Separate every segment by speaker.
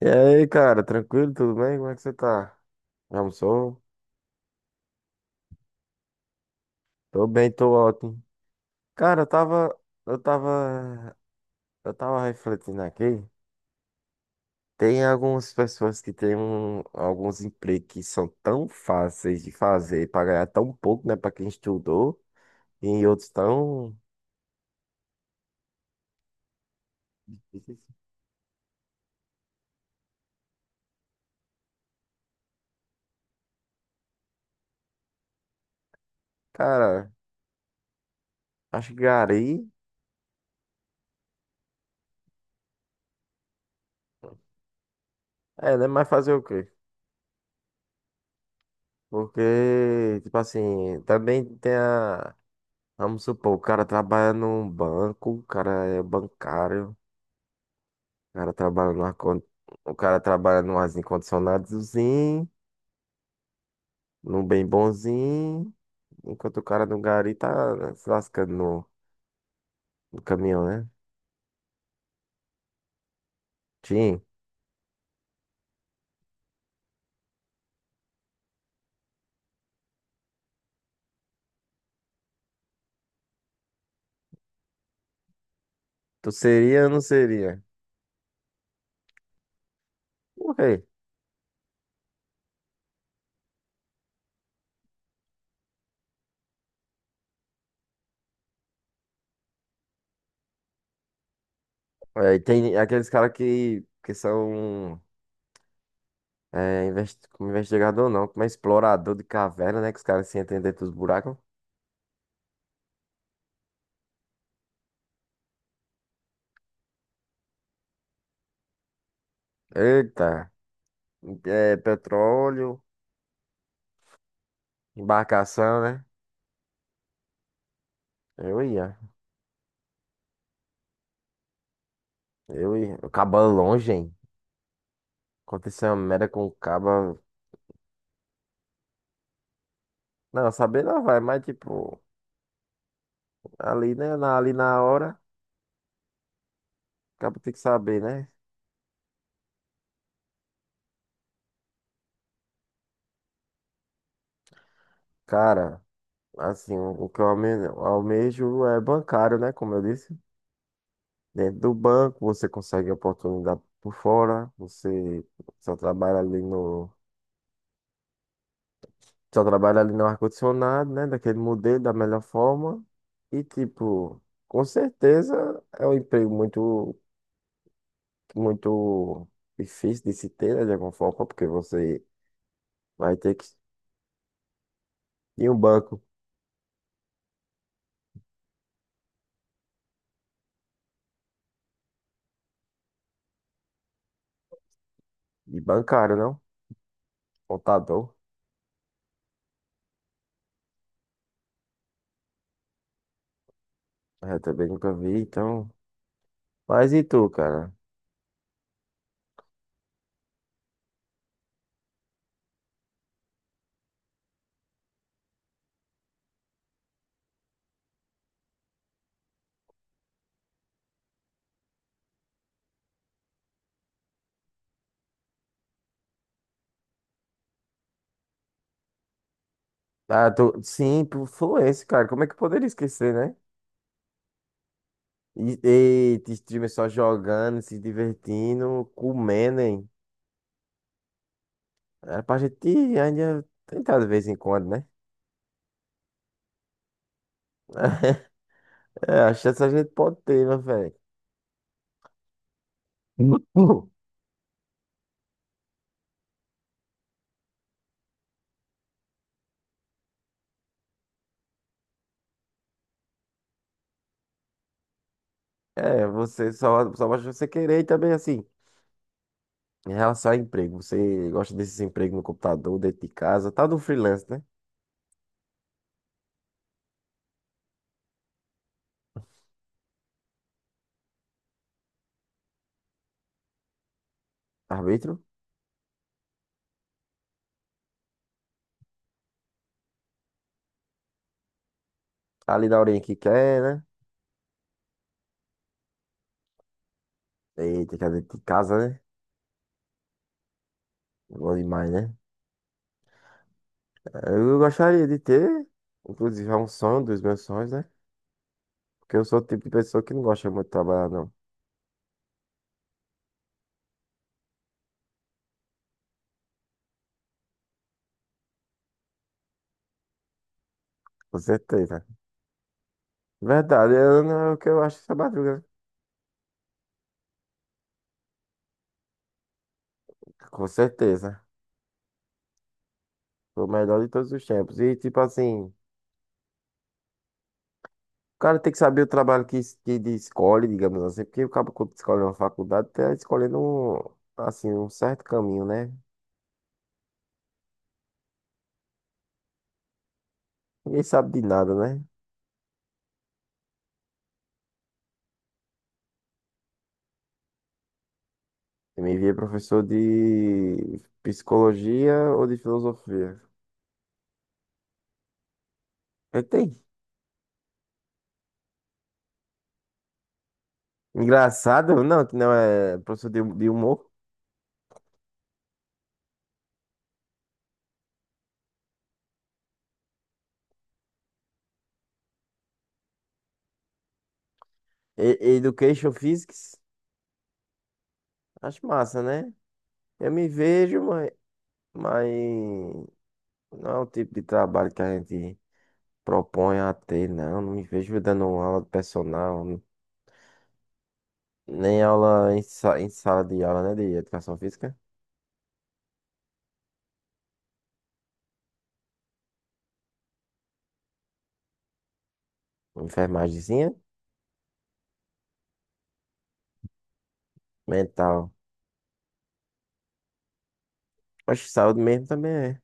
Speaker 1: E aí, cara, tranquilo? Tudo bem? Como é que você tá? Já almoçou? Tô bem, tô ótimo. Cara, eu tava, eu tava refletindo aqui. Tem algumas pessoas que têm alguns empregos que são tão fáceis de fazer pra ganhar tão pouco, né? Pra quem estudou, e outros tão. Cara, acho que gari é, né? Mas fazer o quê? Porque, tipo assim, também tem a. Vamos supor, o cara trabalha num banco, o cara é bancário, o cara trabalha no ar con- o cara trabalha num arzinho condicionadozinho, num bem bonzinho, enquanto o cara no gari tá se lascando no caminhão, né? Tim, tu seria ou não seria? Por quê? É, e tem aqueles caras que são é, como investigador não, como é explorador de caverna, né? Que os caras se entendem dentro dos buracos. Eita, é petróleo, embarcação, né? Eu ia. Eu ia. O caba longe, hein? Aconteceu uma merda com o caba. Não, saber não vai, mas tipo, ali, né? Na, ali na hora, acaba tem que saber, né? Cara, assim, o que eu almejo, é bancário, né? Como eu disse. Dentro do banco, você consegue oportunidade por fora, você só trabalha ali no. Só trabalha ali no ar-condicionado, né? Daquele modelo, da melhor forma. E tipo, com certeza é um emprego muito muito difícil de se ter, né, de alguma forma, porque você vai ter que ir em um banco e bancário, não? Contador. É, também nunca vi, então. Mas e tu, cara? Ah, tu... Sim, pro Fluence, cara. Como é que eu poderia esquecer, né? E, e te streamer só jogando, se divertindo, comendo, hein? Era pra gente ainda tentar de vez em quando, né? É, a chance a gente pode ter, né, velho? É, você só basta você querer e também assim. Em relação a emprego, você gosta desses empregos no computador, dentro de casa, tá do freelance, né? Arbítrio? Tá ali na horinha que quer, né? Eita, que é dentro de casa, né? Bom demais, né? Eu gostaria de ter, inclusive é um sonho dos meus sonhos, né? Porque eu sou o tipo de pessoa que não gosta muito de trabalhar, não. Com certeza. Verdade, eu não é o que eu acho essa madruga, né? Com certeza. Foi o melhor de todos os tempos. E tipo assim. O cara tem que saber o trabalho que ele escolhe, digamos assim, porque o cara quando escolhe uma faculdade tá escolhendo um, assim, um certo caminho, né? Ninguém sabe de nada, né? Eu me via professor de psicologia ou de filosofia. Eu tem. Engraçado, não, que não é professor de humor. E- Education Physics, acho massa, né? Eu me vejo, mas não é o tipo de trabalho que a gente propõe a ter, não. Não me vejo dando aula de personal, nem aula em sala de aula, né? De educação física. Uma Enfermagemzinha, mental. Acho que saúde mesmo também é.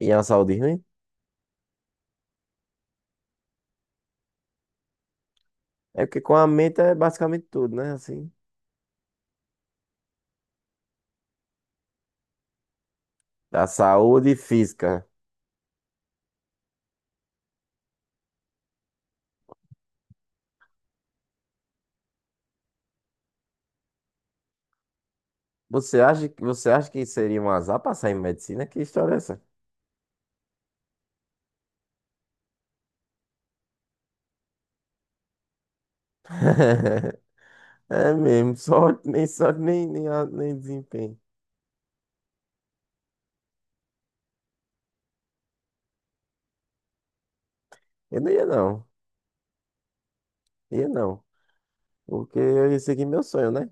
Speaker 1: E a saúde ruim? É porque com a mente é basicamente tudo, né? Assim. Da saúde física. Você acha que seria um azar passar em medicina? Que história é essa? É mesmo, sorte, nem sorte, nem desempenho. Eu não ia não, ia não. Porque eu ia seguir meu sonho, né?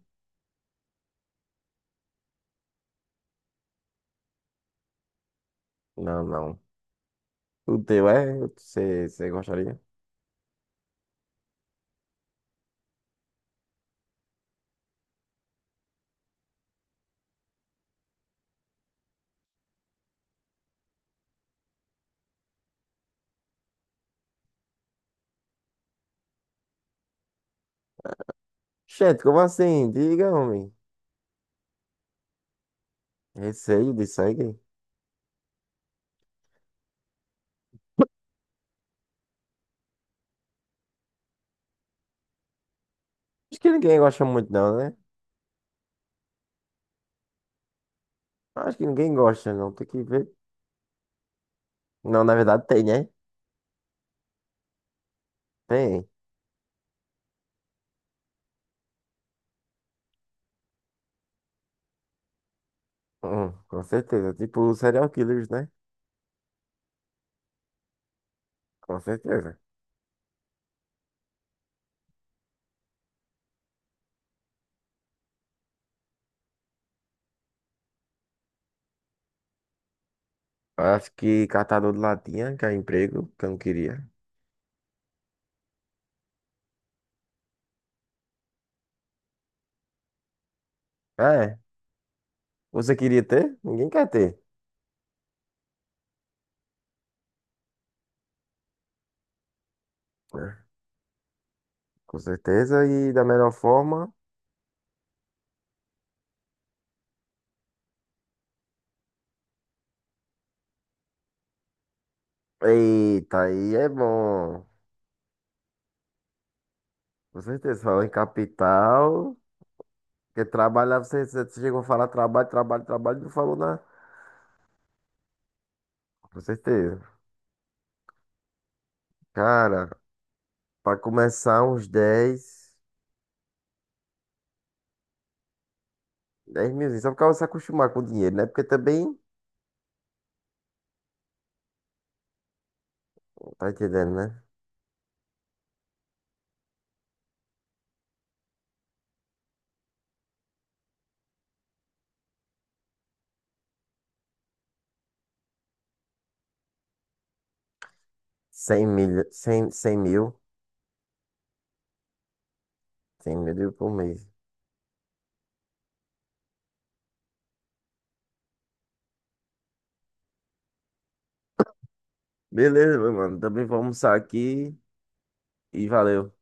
Speaker 1: Não, não. O teu é, você gostaria? Gente, como assim? Diga, homem. Receio de sangue? Acho que ninguém gosta muito, não, né? Acho que ninguém gosta, não. Tem que ver. Não, na verdade tem, né? Tem. Com certeza. Tipo, serial killers, né? Com certeza. Acho que catador de latinha, que é emprego, que eu não queria. É. Você queria ter? Ninguém quer ter. É, com certeza. E da melhor forma. Eita, aí é bom. Com certeza. Falou em capital. Porque trabalhar, você chegou a falar trabalho, trabalho, trabalho, não falou nada. Com certeza. Cara, pra começar uns 10 10 milzinhos. Só pra você se acostumar com o dinheiro, né? Porque também, tá entendendo, né? 100 mil, 100 100 mil, 100 mil por mês. Beleza, meu mano. Também vou almoçar aqui e valeu.